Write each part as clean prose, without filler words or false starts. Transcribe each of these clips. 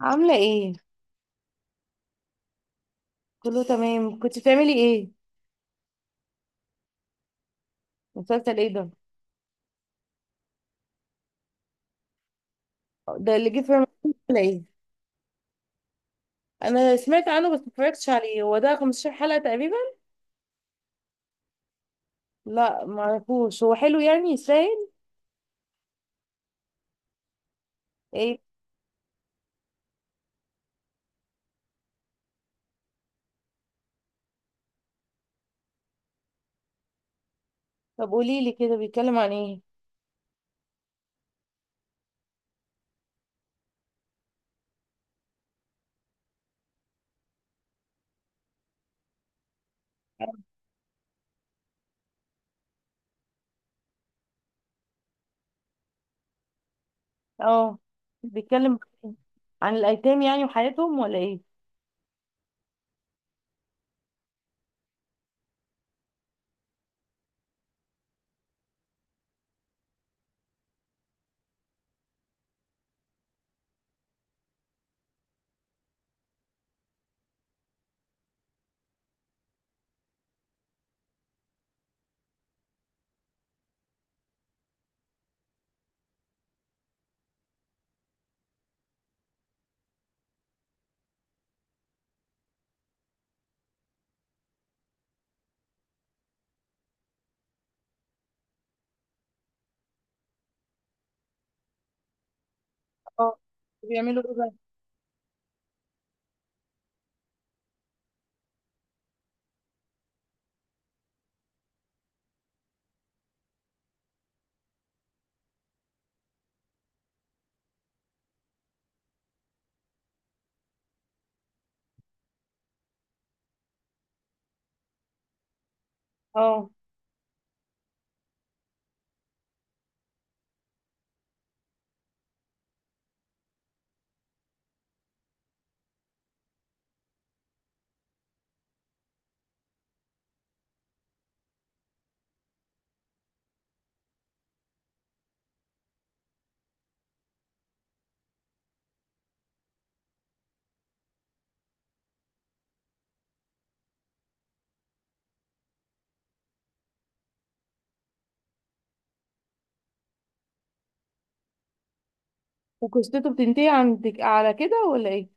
عاملة ايه؟ كله تمام، كنت بتعملي ايه؟ مسلسل ايه ده؟ ده اللي جه في رمضان ولا ايه؟ انا سمعت عنه بس متفرجتش عليه، هو ده 15 حلقة تقريبا؟ لا معرفوش، هو حلو يعني يستاهل؟ ايه؟ طب قوليلي كده، بيتكلم عن ايه؟ اه، بيتكلم عن إيه؟ عن الايتام يعني وحياتهم ولا ايه؟ اه، بيعملوا ايه بقى؟ اه، وقصته بتنتهي عندك على كده ولا ايه؟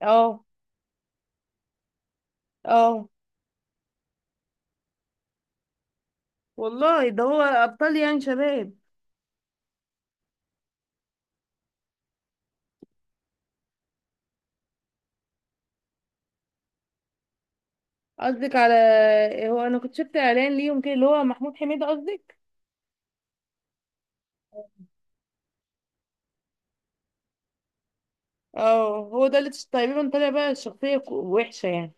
اه، اه، والله ده هو ابطال يعني شباب. قصدك على هو انا كنت شفت اعلان ليهم كده اللي هو محمود حميدة قصدك. اه، هو ده اللي تقريبا طالع بقى الشخصية وحشة يعني.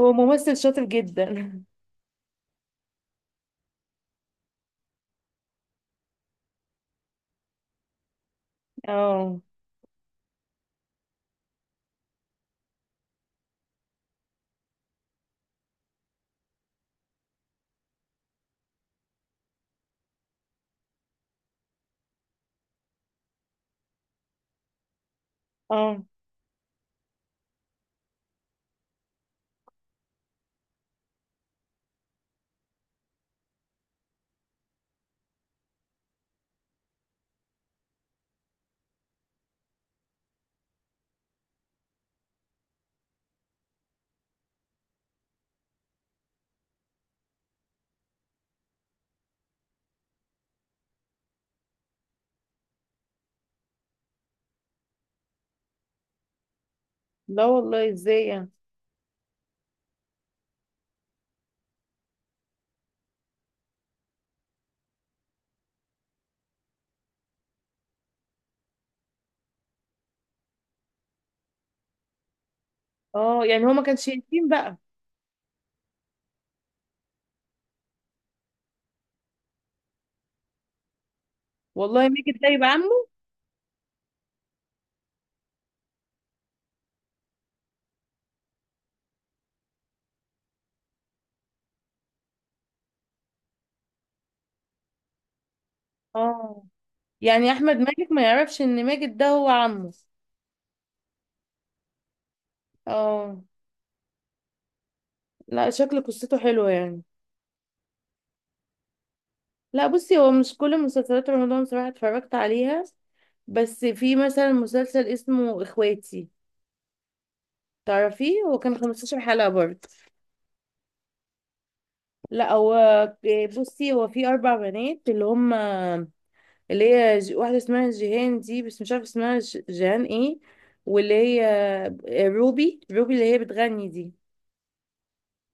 هو ممثل شاطر جدا. اه، اه، لا والله ازاي يعني. اه، يعني هو ما كانش يتيم بقى. والله ماجد ده يبقى عمه. اه، يعني احمد ماجد ما يعرفش ان ماجد ده هو عمه. اه، لا، شكل قصته حلوة يعني. لا، بصي، هو مش كل مسلسلات رمضان صراحة اتفرجت عليها، بس في مثلا مسلسل اسمه اخواتي، تعرفيه؟ هو كان 15 حلقة برضه. لا، هو بصي هو في أربع بنات اللي هم، اللي هي واحدة اسمها جيهان دي، بس مش عارفة اسمها جيهان ايه، واللي هي روبي اللي هي بتغني دي،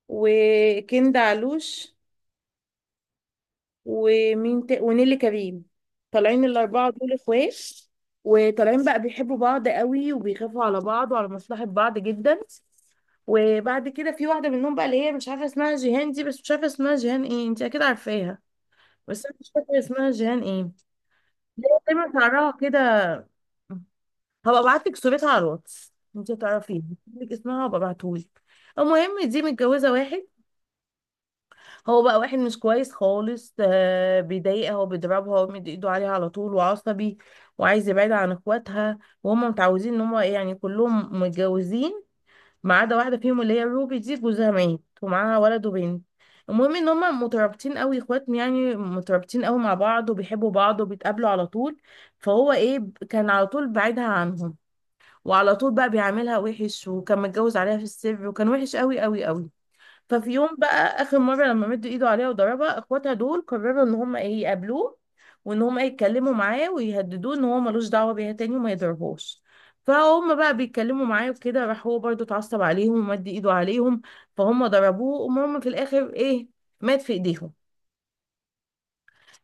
وكندا علوش، ومين ونيلي كريم. طالعين الأربعة دول اخوات، وطالعين بقى بيحبوا بعض قوي وبيخافوا على بعض وعلى مصلحة بعض جدا. وبعد كده في واحده منهم بقى اللي هي مش عارفه اسمها جيهان دي، بس مش عارفه اسمها جيهان ايه، انت اكيد عارفاها. بس انا مش فاكره اسمها جيهان ايه، اللي هي دايما شعرها كده. هبقى ابعت لك صورتها على الواتس، انت تعرفيه. لك اسمها هبقى ابعتهولك. المهم دي متجوزه واحد. هو بقى واحد مش كويس خالص، بيضايقها وبيضربها ومد ايده عليها على طول وعصبي، وعايز يبعدها عن اخواتها. وهم متعودين ان هم يعني كلهم متجوزين، ما عدا واحده فيهم اللي هي روبي دي، جوزها مات ومعاها ولد وبنت. المهم ان هما مترابطين قوي اخواتهم، يعني مترابطين قوي مع بعض وبيحبوا بعض وبيتقابلوا على طول. فهو ايه كان على طول بعيدها عنهم، وعلى طول بقى بيعاملها وحش وكان متجوز عليها في السر وكان وحش قوي قوي قوي. ففي يوم بقى اخر مره لما مد ايده عليها وضربها اخواتها دول قرروا ان هم ايه يقابلوه، وان هم إيه يتكلموا معاه ويهددوه ان هو ملوش دعوه بيها تاني وما يضربهاش. فهم بقى بيتكلموا معاه وكده، راح هو برضو اتعصب عليهم ومد ايده عليهم. فهم ضربوه وهم في الاخر ايه، مات في ايديهم.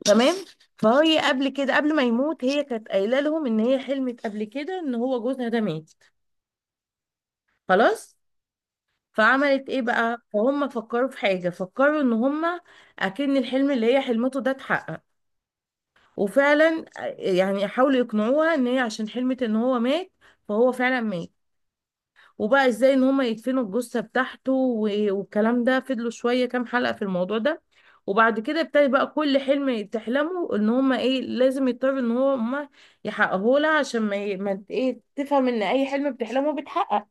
تمام. فهي قبل كده، قبل ما يموت، هي كانت قايله لهم ان هي حلمت قبل كده ان هو جوزها ده مات. خلاص. فعملت ايه بقى، فهم فكروا في حاجة، فكروا ان هم اكن الحلم اللي هي حلمته ده اتحقق. وفعلا، يعني حاولوا يقنعوها ان هي عشان حلمت ان هو مات، فهو فعلا مات. وبقى ازاي ان هم يدفنوا الجثة بتاعته والكلام ده، فضلوا شوية كام حلقة في الموضوع ده. وبعد كده ابتدى بقى كل حلم تحلمه ان هم ايه لازم يضطروا ان هو هم يحققوه لها، عشان ما, ي- ما ت- ايه تفهم ان اي حلم بتحلمه بيتحقق.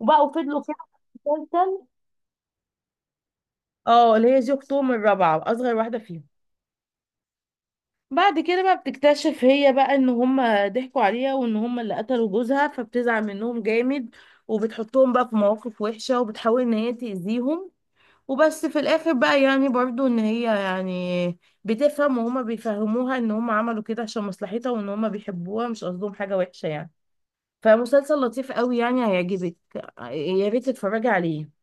وبقوا فضلوا كده. اه، اللي هي دي اختهم الرابعة اصغر واحدة فيهم. بعد كده بقى بتكتشف هي بقى ان هما ضحكوا عليها وان هما اللي قتلوا جوزها، فبتزعل منهم جامد وبتحطهم بقى في مواقف وحشة وبتحاول ان هي تأذيهم. وبس في الاخر بقى يعني برضو ان هي يعني بتفهم، وهما بيفهموها ان هما عملوا كده عشان مصلحتها وان هما بيحبوها مش قصدهم حاجة وحشة يعني. فمسلسل لطيف قوي، يعني هيعجبك، يا ريت تتفرجي عليه.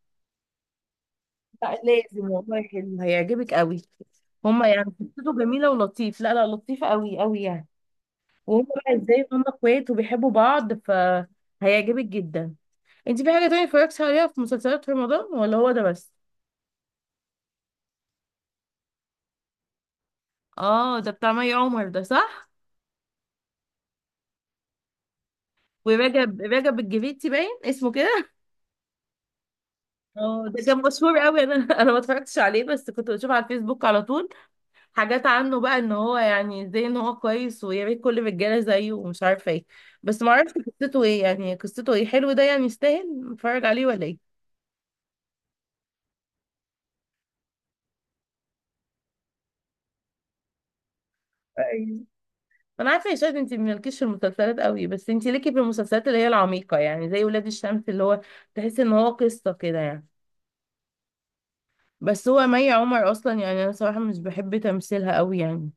لا لازم والله، حلو هيعجبك قوي. هما يعني قصته جميلة ولطيف، لا لا، لطيفة قوي قوي يعني. وهم بقى ازاي هما اخوات وبيحبوا بعض فهيعجبك جدا. انت في حاجة تانية اتفرجتي عليها في مسلسلات رمضان ولا هو ده بس؟ اه، ده بتاع مي عمر ده، صح؟ ورجب رجب الجريتي باين اسمه كده. اه، ده كان مشهور قوي، انا انا ما اتفرجتش عليه، بس كنت بشوف على الفيسبوك على طول حاجات عنه بقى ان هو يعني زي ان هو كويس ويا ريت كل الرجاله زيه ومش عارفه ايه. بس ما اعرفش قصته ايه، يعني قصته ايه، حلو ده يعني يستاهل نتفرج عليه ولا ايه؟ أيوة. انا عارفه يا شاهد انت مالكيش في المسلسلات قوي، بس انت ليكي في المسلسلات اللي هي العميقه، يعني زي ولاد الشمس، اللي هو تحس ان هو قصه كده يعني. بس هو مي عمر اصلا يعني انا صراحه مش بحب تمثيلها قوي يعني.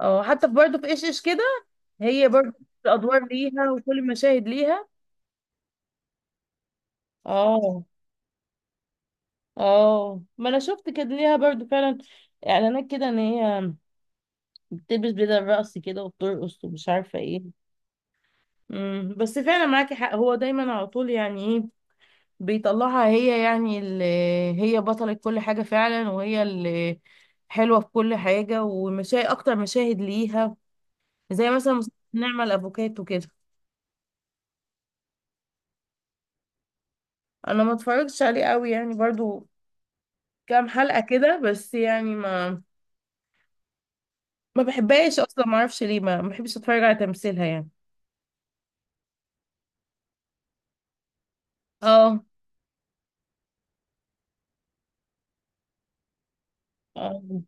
اه، حتى في برضه في ايش ايش كده، هي برضه الادوار ليها وكل المشاهد ليها. اه، اه، ما انا شفت كان ليها برضو فعلا اعلانات كده ان هي بتلبس بدل الرقص كده وبترقص ومش عارفه ايه. بس فعلا معاكي حق، هو دايما على طول يعني ايه، بيطلعها هي يعني، اللي هي بطلة كل حاجه فعلا وهي اللي حلوه في كل حاجه، ومشاهد اكتر مشاهد ليها، زي مثلا مسلسل نعمل افوكاتو كده. انا ما اتفرجتش عليه قوي يعني، برضو كام حلقه كده بس يعني، ما بحبهاش اصلا، ما اعرفش ليه، ما بحبش اتفرج على تمثيلها يعني. اه، اه،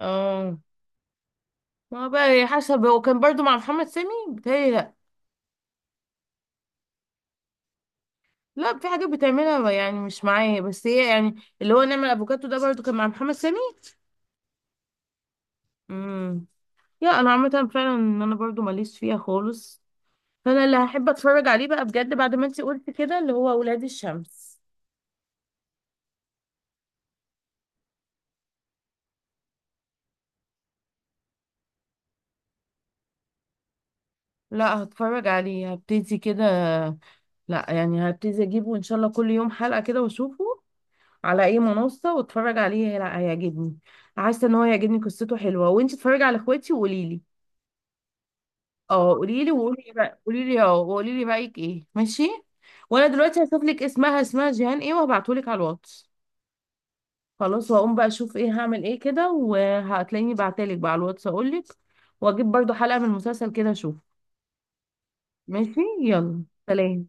اه، ما هو بقى هي حسب هو كان برضو مع محمد سامي بتهيألي، لا. لا، في حاجات بتعملها يعني مش معايا، بس هي يعني، اللي هو نعمل افوكاتو ده برضو كان مع محمد سامي. امم يا انا عامه فعلا ان انا برضو ماليش فيها خالص، فانا اللي هحب اتفرج عليه بقى بجد بعد ما انتي قلتي كده، اللي هو ولاد الشمس. لا، هتفرج عليه، هبتدي كده، لا يعني هبتدي اجيبه ان شاء الله كل يوم حلقه كده واشوفه، على اي منصة واتفرج عليه. هيعجبني، حاسة ان هو هيعجبني، قصته حلوة، وانتي اتفرجي على اخواتي وقولي لي. اه، قولي لي، وقولي لي بقى، قولي لي، اه، وقولي لي رأيك ايه، ماشي. وانا دلوقتي هشوف لك اسمها جيهان ايه وهبعتهولك على الواتس. خلاص، وهقوم بقى اشوف ايه هعمل ايه كده، وهتلاقيني بعتلك بقى على الواتس اقولك، واجيب برضو حلقة من المسلسل كده اشوف. ماشي، يلا، سلام.